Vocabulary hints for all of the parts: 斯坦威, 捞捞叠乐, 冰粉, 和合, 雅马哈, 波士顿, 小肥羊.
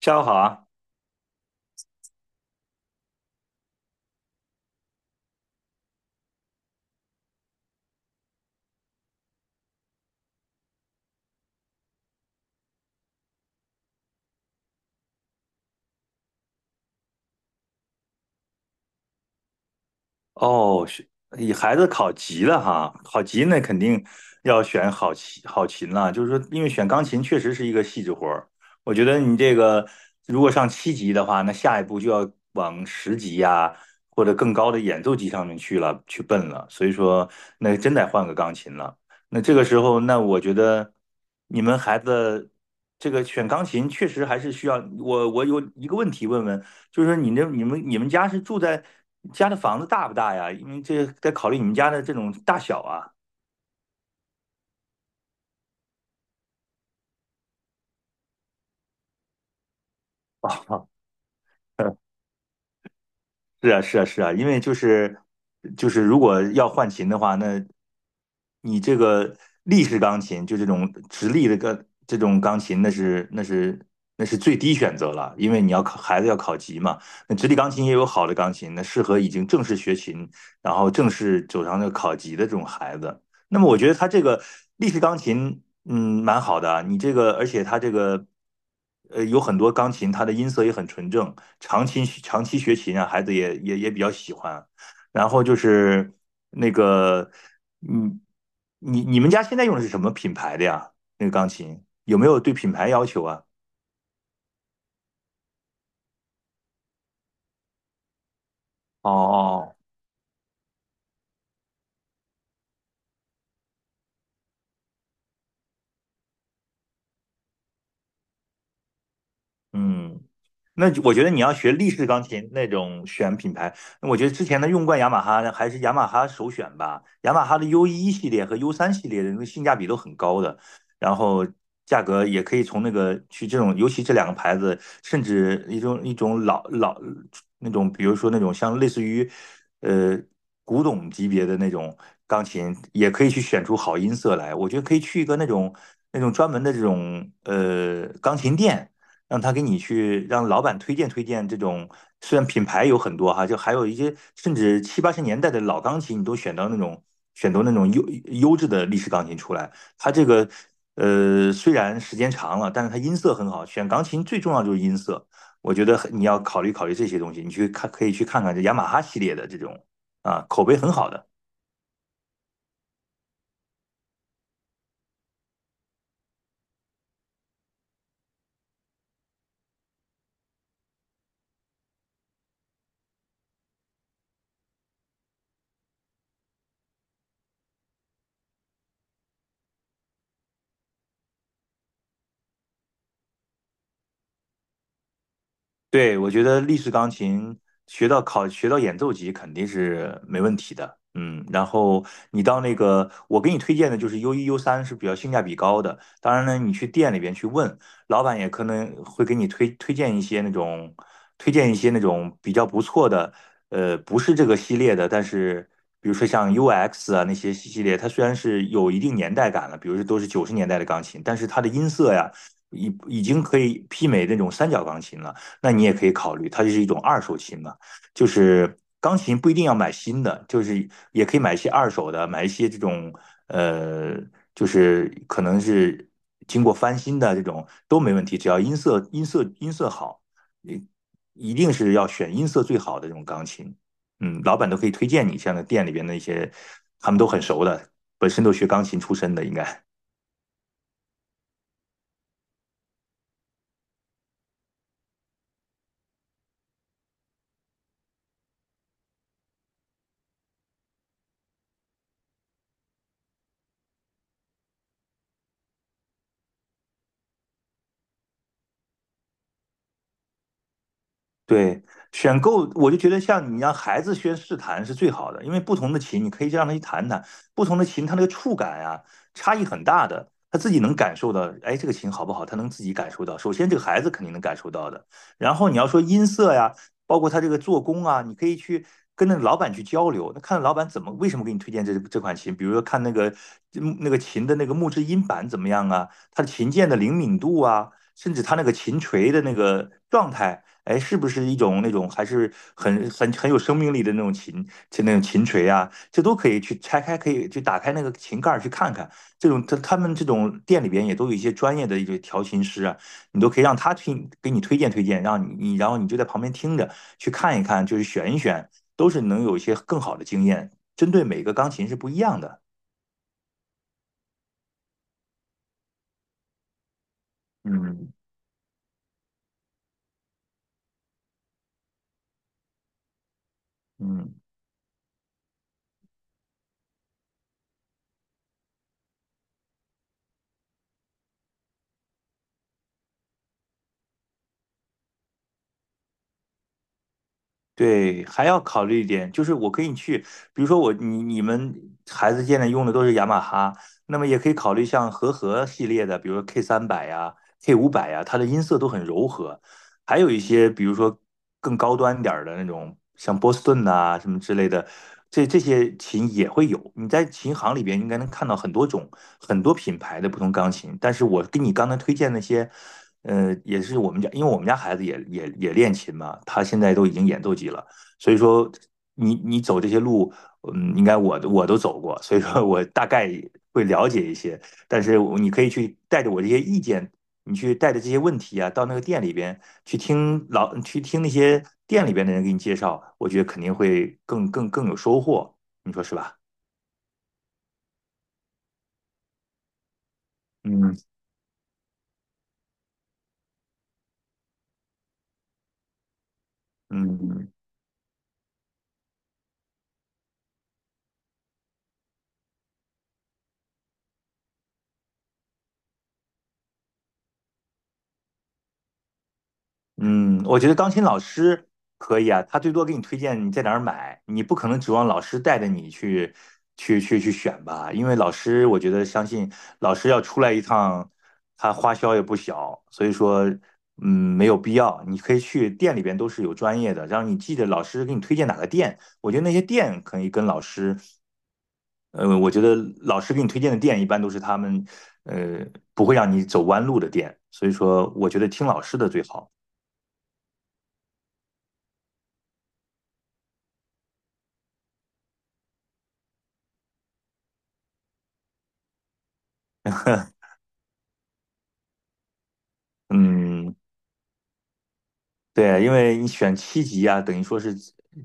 下午好啊！哦，是以孩子考级了哈，考级那肯定要选好琴了。就是说，因为选钢琴确实是一个细致活儿。我觉得你这个如果上七级的话，那下一步就要往十级呀、或者更高的演奏级上面去了，去奔了。所以说，那真得换个钢琴了。那这个时候，那我觉得你们孩子这个选钢琴确实还是需要我。我有一个问题问问，就是你那你们家是住在家的房子大不大呀？因为这得考虑你们家的这种大小啊。是啊，是啊，是啊，因为就是，如果要换琴的话，那你这个立式钢琴，就这种直立的个这种钢琴，那是最低选择了，因为你要考孩子要考级嘛。那直立钢琴也有好的钢琴，那适合已经正式学琴，然后正式走上那个考级的这种孩子。那么我觉得他这个立式钢琴蛮好的啊你这个，而且它这个，有很多钢琴，它的音色也很纯正。长期学琴啊，孩子也比较喜欢。然后就是那个，嗯，你们家现在用的是什么品牌的呀？那个钢琴有没有对品牌要求啊？哦嗯，那就我觉得你要学立式钢琴那种选品牌，那我觉得之前的用惯雅马哈呢还是雅马哈首选吧。雅马哈的 U 一系列和 U3系列的那个性价比都很高的，然后价格也可以从那个去这种，尤其这两个牌子，甚至一种老那种，比如说那种像类似于呃古董级别的那种钢琴，也可以去选出好音色来。我觉得可以去一个那种专门的这种钢琴店。让他给你去让老板推荐推荐这种，虽然品牌有很多哈，就还有一些甚至七八十年代的老钢琴，你都选到那种优质的历史钢琴出来。它这个虽然时间长了，但是它音色很好。选钢琴最重要就是音色，我觉得你要考虑考虑这些东西，你去看可以去看看这雅马哈系列的这种啊口碑很好的。对，我觉得立式钢琴学到演奏级肯定是没问题的，然后你到那个我给你推荐的就是 U1 U3是比较性价比高的，当然呢，你去店里边去问，老板也可能会给你推荐一些那种比较不错的，不是这个系列的，但是比如说像 UX 啊那些系列，它虽然是有一定年代感了，比如说都是90年代的钢琴，但是它的音色呀已经可以媲美那种三角钢琴了。那你也可以考虑，它就是一种二手琴嘛，就是钢琴不一定要买新的，就是也可以买一些二手的，买一些这种呃，就是可能是经过翻新的这种都没问题，只要音色好，你一定是要选音色最好的这种钢琴，老板都可以推荐你，像那店里边的一些，他们都很熟的，本身都学钢琴出身的，应该。对，选购我就觉得像你让孩子先试弹是最好的，因为不同的琴你可以让他去弹弹，不同的琴它那个触感啊差异很大的，他自己能感受到，哎，这个琴好不好，他能自己感受到。首先这个孩子肯定能感受到的，然后你要说音色呀，包括他这个做工啊，你可以去跟那个老板去交流，那看老板怎么为什么给你推荐这款琴，比如说看那个那个琴的那个木质音板怎么样啊，它的琴键的灵敏度啊。甚至它那个琴锤的那个状态，哎，是不是一种那种还是很有生命力的那种琴，就那种琴锤啊，这都可以去拆开，可以去打开那个琴盖儿去看看。这种他们这种店里边也都有一些专业的一些调琴师啊，你都可以让他给你推荐推荐，让你然后你就在旁边听着去看一看，就是选一选，都是能有一些更好的经验，针对每个钢琴是不一样的。嗯嗯。对，还要考虑一点，就是我可以去，比如说你们孩子现在用的都是雅马哈，那么也可以考虑像和合系列的，比如说 K300呀、K500呀，它的音色都很柔和。还有一些，比如说更高端点儿的那种，像波士顿呐、什么之类的，这些琴也会有。你在琴行里边应该能看到很多种、很多品牌的不同钢琴。但是我给你刚才推荐那些。也是我们家，因为我们家孩子也练琴嘛，他现在都已经演奏级了，所以说你走这些路，应该我都走过，所以说我大概会了解一些，但是你可以去带着我这些意见，你去带着这些问题啊，到那个店里边去去听那些店里边的人给你介绍，我觉得肯定会更有收获，你说是吧？嗯嗯。嗯，我觉得钢琴老师可以啊，他最多给你推荐你在哪儿买，你不可能指望老师带着你去选吧，因为老师，我觉得相信老师要出来一趟，他花销也不小，所以说，嗯，没有必要，你可以去店里边都是有专业的，让你记得老师给你推荐哪个店，我觉得那些店可以跟老师，我觉得老师给你推荐的店一般都是他们，呃，不会让你走弯路的店，所以说，我觉得听老师的最好。嗯，对，因为你选七级啊，等于说是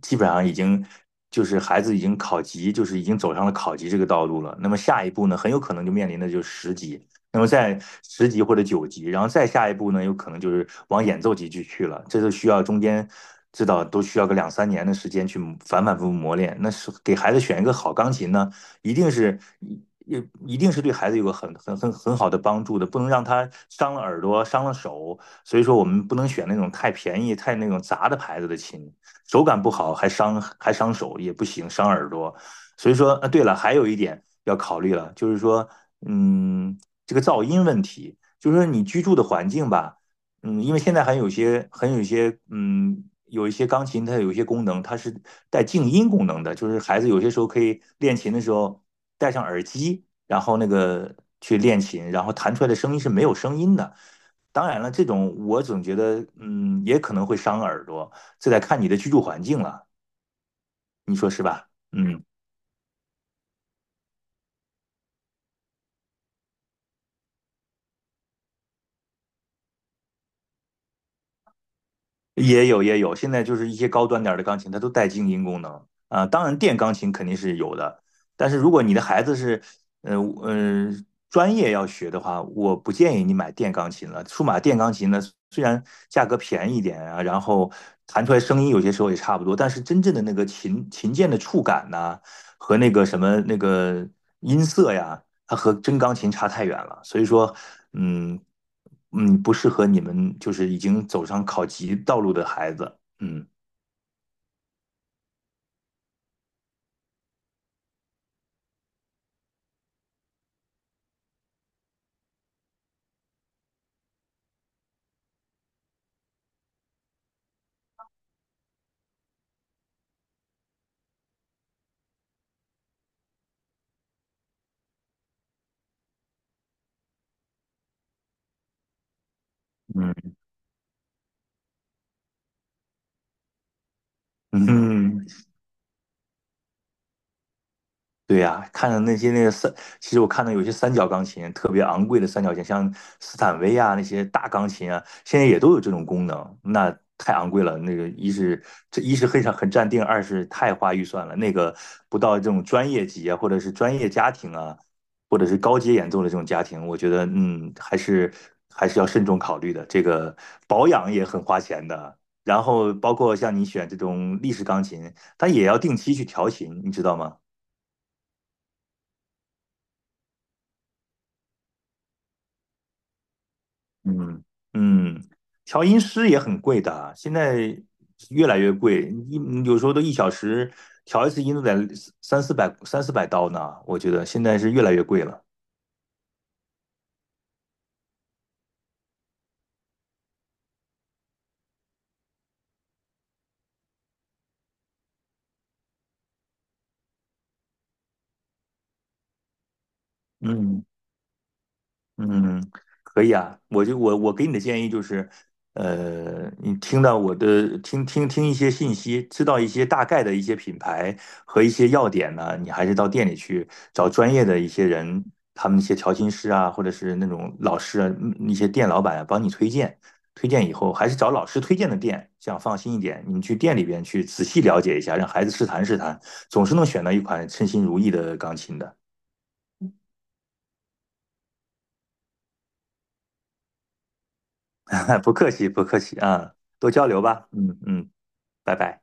基本上已经就是孩子已经考级，就是已经走上了考级这个道路了。那么下一步呢，很有可能就面临的就是十级，那么在10级或者9级，然后再下一步呢，有可能就是往演奏级去了。这就需要中间知道都需要个两三年的时间去反反复复磨练。那是给孩子选一个好钢琴呢，一定是一一一定是对孩子有个很好的帮助的，不能让他伤了耳朵，伤了手。所以说我们不能选那种太便宜、太那种杂的牌子的琴，手感不好还伤手也不行，伤耳朵。所以说，啊，对了，还有一点要考虑了，就是说，嗯，这个噪音问题，就是说你居住的环境吧，因为现在还有些很有些，有一些钢琴，它有一些功能，它是带静音功能的，就是孩子有些时候可以练琴的时候戴上耳机，然后那个去练琴，然后弹出来的声音是没有声音的。当然了，这种我总觉得，也可能会伤耳朵，这得看你的居住环境了，你说是吧？嗯，也有也有，现在就是一些高端点儿的钢琴，它都带静音功能啊。当然，电钢琴肯定是有的，但是如果你的孩子是，呃呃，专业要学的话，我不建议你买电钢琴了。数码电钢琴呢，虽然价格便宜一点啊，然后弹出来声音有些时候也差不多，但是真正的那个琴琴键的触感呐、和那个什么那个音色呀。它和真钢琴差太远了，所以说，嗯不适合你们就是已经走上考级道路的孩子，嗯嗯。嗯。对呀、看着那些那个三，其实我看到有些三角钢琴特别昂贵的三角琴，像斯坦威啊那些大钢琴啊，现在也都有这种功能，那太昂贵了。那个一是这一是很常很占定，二是太花预算了。那个不到这种专业级啊，或者是专业家庭啊，或者是高阶演奏的这种家庭，我觉得还是要慎重考虑的。这个保养也很花钱的，然后包括像你选这种立式钢琴，它也要定期去调琴，你知道吗？嗯嗯，调音师也很贵的啊，现在越来越贵，有时候都1小时调一次音都得三四百刀呢，我觉得现在是越来越贵了。嗯。嗯，可以啊，我就我给你的建议就是，你听到我的听听一些信息，知道一些大概的一些品牌和一些要点呢，你还是到店里去找专业的一些人，他们那些调琴师啊，或者是那种老师啊，那些店老板啊，帮你推荐，推荐以后还是找老师推荐的店，这样放心一点。你们去店里边去仔细了解一下，让孩子试弹试弹，总是能选到一款称心如意的钢琴的。不客气，不客气啊，多交流吧。嗯嗯，拜拜。